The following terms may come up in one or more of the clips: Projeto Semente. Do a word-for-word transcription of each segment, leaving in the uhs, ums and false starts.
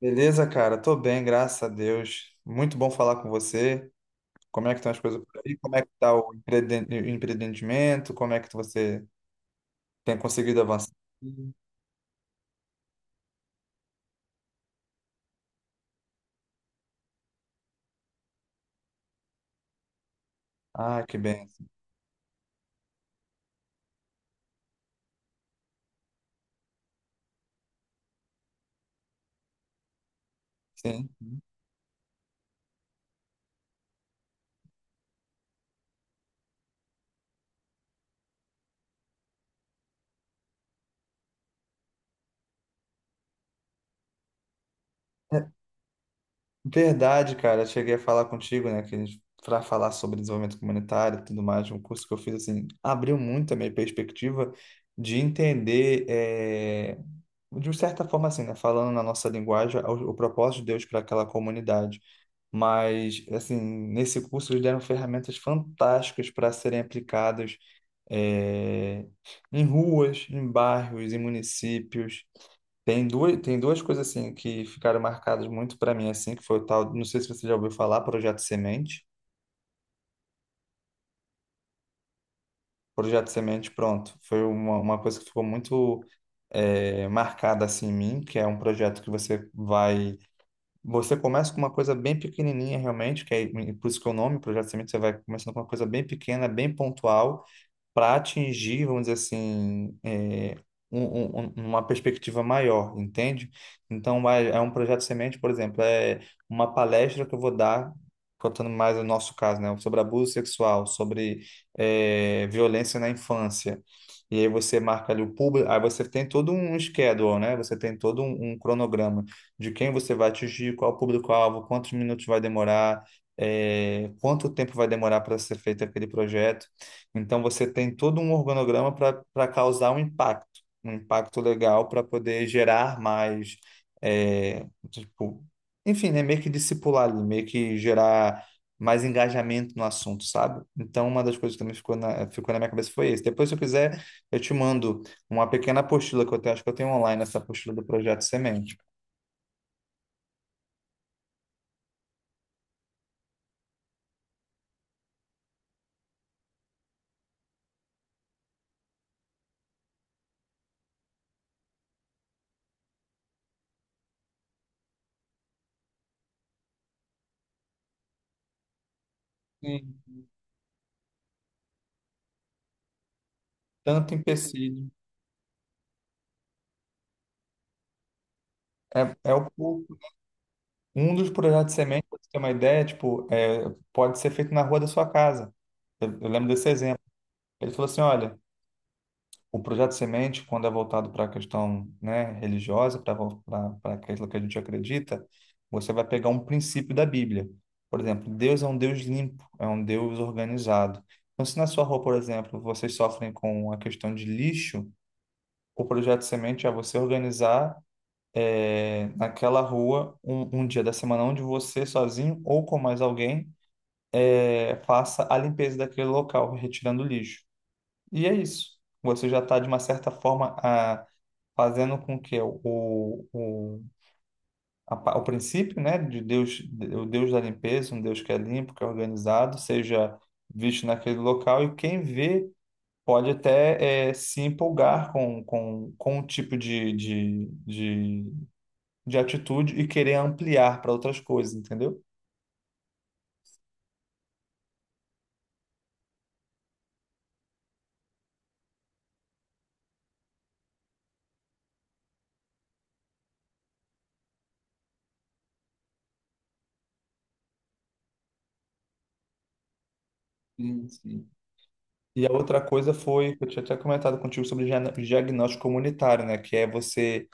Beleza, cara? Tô bem, graças a Deus. Muito bom falar com você. Como é que estão as coisas por aí? Como é que tá o empreende- empreendimento? Como é que você tem conseguido avançar? Ah, que bem. Sim. Verdade, cara. Eu cheguei a falar contigo, né, que para falar sobre desenvolvimento comunitário e tudo mais, um curso que eu fiz assim, abriu muito a minha perspectiva de entender, eh, de certa forma assim, né, falando na nossa linguagem, o, o propósito de Deus para aquela comunidade. Mas assim, nesse curso eles deram ferramentas fantásticas para serem aplicadas eh, em ruas, em bairros, em municípios. Tem duas, tem duas coisas assim que ficaram marcadas muito para mim assim, que foi o tal, não sei se você já ouviu falar, Projeto Semente. Projeto Semente, pronto, foi uma, uma coisa que ficou muito eh, marcada assim em mim, que é um projeto que você vai, você começa com uma coisa bem pequenininha realmente, que é por isso que é o nome Projeto Semente, você vai começando com uma coisa bem pequena, bem pontual para atingir, vamos dizer assim, é, um- um- um- uma perspectiva maior, entende? Então, é, é um projeto semente, por exemplo, é uma palestra que eu vou dar, contando mais o nosso caso, né, sobre abuso sexual, sobre é, violência na infância. E aí você marca ali o público, aí você tem todo um schedule, né? Você tem todo um, um cronograma de quem você vai atingir, qual público-alvo, quantos minutos vai demorar, é, quanto tempo vai demorar para ser feito aquele projeto. Então você tem todo um organograma para para causar um impacto, um impacto legal para poder gerar mais, é, tipo, enfim, né, meio que discipular ali, meio que gerar mais engajamento no assunto, sabe? Então uma das coisas que também ficou na, ficou na minha cabeça foi isso. Depois, se eu quiser, eu te mando uma pequena apostila que eu tenho, acho que eu tenho online essa apostila do Projeto Semente. Sim. Tanto empecilho, é, é o pouco. Um dos projetos de semente, para você ter uma ideia, tipo, é, pode ser feito na rua da sua casa. Eu, eu lembro desse exemplo. Ele falou assim, olha, o projeto de semente, quando é voltado para a questão, né, religiosa, para para aquilo que a gente acredita, você vai pegar um princípio da Bíblia. Por exemplo, Deus é um Deus limpo, é um Deus organizado. Então, se na sua rua, por exemplo, vocês sofrem com a questão de lixo, o projeto de semente é você organizar é, naquela rua um, um dia da semana onde você sozinho ou com mais alguém é, faça a limpeza daquele local, retirando o lixo. E é isso. Você já está, de uma certa forma, a, fazendo com que o, o, a pa- o princípio, né, de Deus, o Deus da limpeza, um Deus que é limpo, que é organizado, seja visto naquele local e quem vê pode até eh, se empolgar com, com, com o tipo de, de, de de atitude e querer ampliar para outras coisas, entendeu? Sim, sim. E a outra coisa foi, que eu tinha até comentado contigo sobre diagn- diagnóstico comunitário, né? Que é você,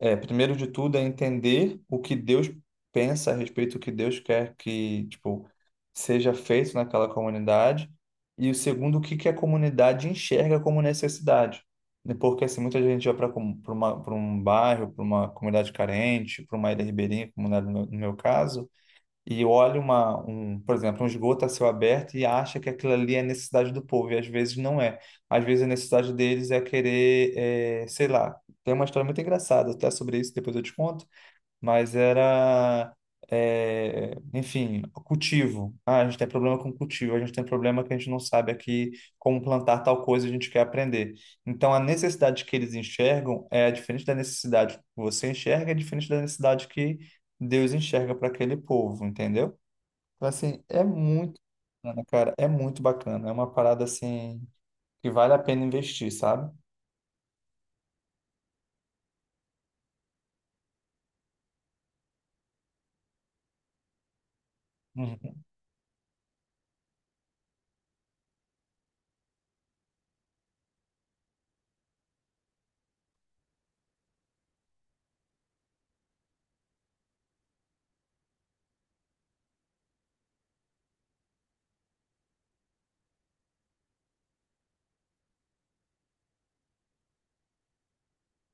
é, primeiro de tudo, é entender o que Deus pensa a respeito do que Deus quer que, tipo, seja feito naquela comunidade. E o segundo, o que que a comunidade enxerga como necessidade, né? Porque, assim, muita gente vai para um bairro, para uma comunidade carente, para uma ilha ribeirinha, como era no meu no meu caso, e olha uma, um, por exemplo, um esgoto a céu aberto e acha que aquilo ali é a necessidade do povo, e às vezes não é. Às vezes a necessidade deles é querer, eh, sei lá, tem uma história muito engraçada até sobre isso, depois eu te conto, mas era, é, enfim, cultivo. Ah, a gente tem problema com cultivo, a gente tem problema que a gente não sabe aqui como plantar tal coisa, a gente quer aprender. Então, a necessidade que eles enxergam é diferente da necessidade que você enxerga, é diferente da necessidade que Deus enxerga para aquele povo, entendeu? Então, assim, é muito bacana, cara, é muito bacana. É uma parada, assim, que vale a pena investir, sabe? Uhum.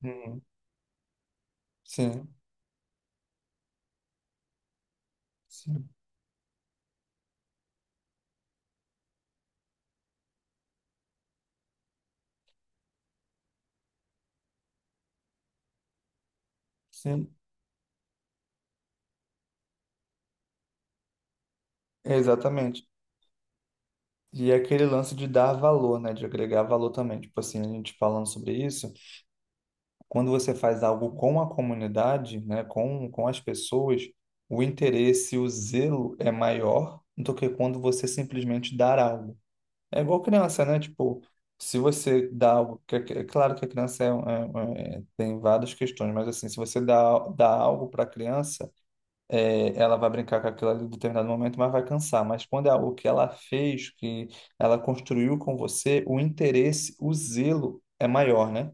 Uhum. Sim, sim, sim, exatamente. E é aquele lance de dar valor, né? De agregar valor também. Tipo assim, a gente falando sobre isso, quando você faz algo com a comunidade, né? Com, com as pessoas, o interesse, o zelo é maior do que quando você simplesmente dar algo. É igual criança, né? Tipo, se você dá algo. que- que- É claro que a criança é, é- é- tem várias questões, mas assim, se você dá, dá algo para a criança é, ela vai brincar com aquilo ali em determinado momento, mas vai cansar. Mas quando é algo que ela fez, que ela construiu com você, o interesse, o zelo é maior, né?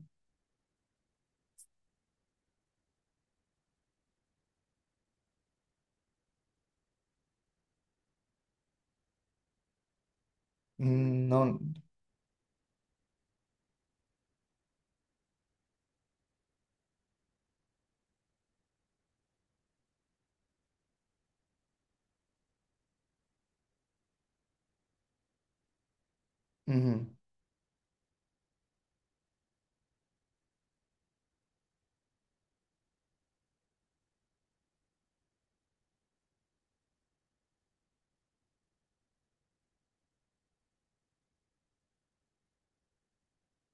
Hum. Não. Uhum.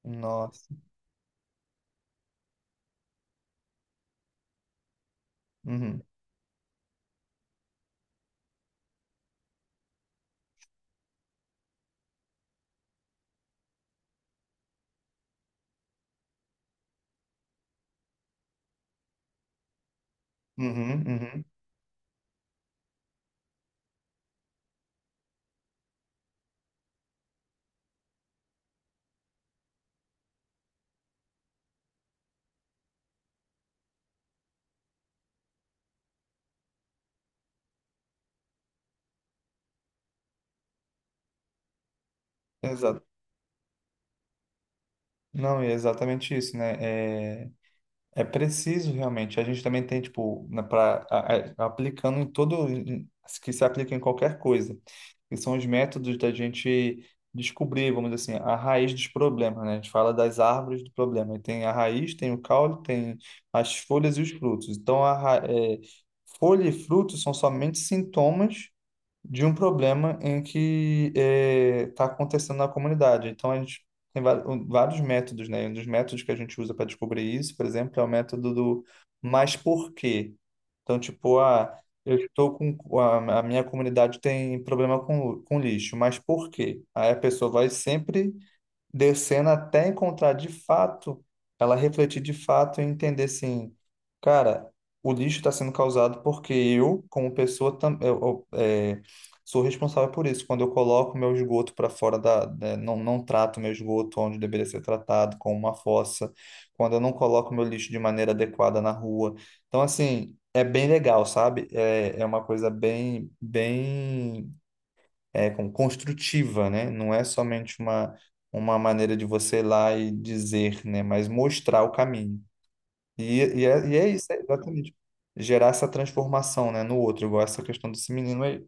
Nossa. Uhum. Uhum. Uhum. Exato. Não, é exatamente isso, né? É, é preciso realmente. A gente também tem, tipo, na, pra, a- a- aplicando em todo, em- que se aplica em qualquer coisa, que são os métodos da gente descobrir, vamos dizer assim, a raiz dos problemas, né? A gente fala das árvores do problema. E tem a raiz, tem o caule, tem as folhas e os frutos. Então, a, ra- é, folha e frutos são somente sintomas de um problema em que está acontecendo na comunidade. Então, a gente tem va- um, vários métodos, né? Um dos métodos que a gente usa para descobrir isso, por exemplo, é o método do mas por quê? Então, tipo, ah, eu estou com a, a minha comunidade tem problema com, com lixo, mas por quê? Aí a pessoa vai sempre descendo até encontrar de fato, ela refletir de fato e entender assim, cara, o lixo está sendo causado porque eu, como pessoa, tam, eu, eu, é, sou responsável por isso. Quando eu coloco meu esgoto para fora da, né, não, não trato meu esgoto onde deveria ser tratado, como uma fossa, quando eu não coloco meu lixo de maneira adequada na rua. Então, assim, é bem legal, sabe? É, é uma coisa bem, bem é, como construtiva, né? Não é somente uma, uma maneira de você ir lá e dizer, né? Mas mostrar o caminho. E, e, é, e é isso, é exatamente. Gerar essa transformação, né, no outro, igual essa questão desse menino aí.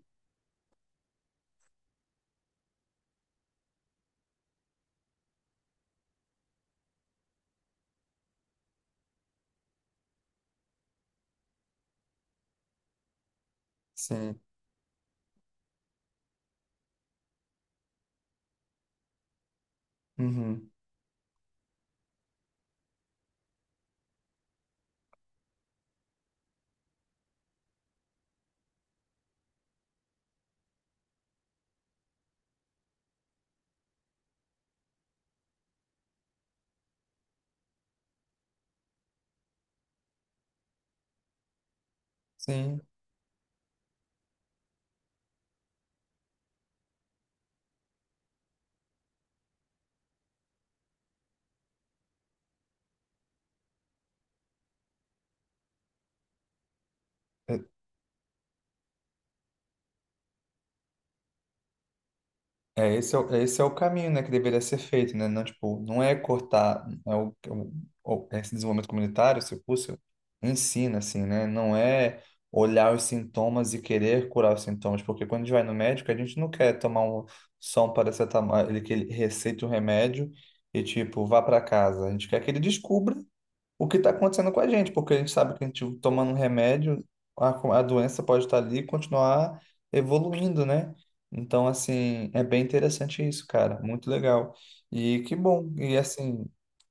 Sim. Uhum. Sim. É, É, esse é, o- esse é o caminho, né, que deveria ser feito, né? Não, tipo, não é cortar é o, é o- o- é esse desenvolvimento comunitário, esse curso, ensina, assim, né? Não é olhar os sintomas e querer curar os sintomas, porque quando a gente vai no médico, a gente não quer tomar um, só um paracetamol, ele que ele receita o remédio e, tipo, vá para casa. A gente quer que ele descubra o que está acontecendo com a gente, porque a gente sabe que a gente tomando um remédio, a, co- a doença pode estar ali e continuar evoluindo, né? Então, assim, é bem interessante isso, cara. Muito legal. E que bom. E assim,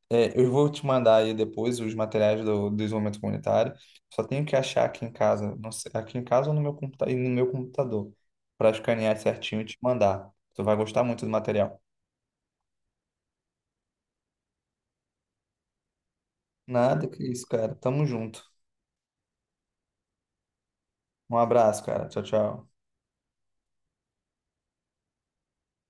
é, eu vou te mandar aí depois os materiais do, do desenvolvimento comunitário. Só tenho que achar aqui em casa, não sei, aqui em casa ou no meu computa e no meu computador, para escanear certinho e te mandar. Tu vai gostar muito do material. Nada que isso, cara. Tamo junto. Um abraço, cara. Tchau, tchau.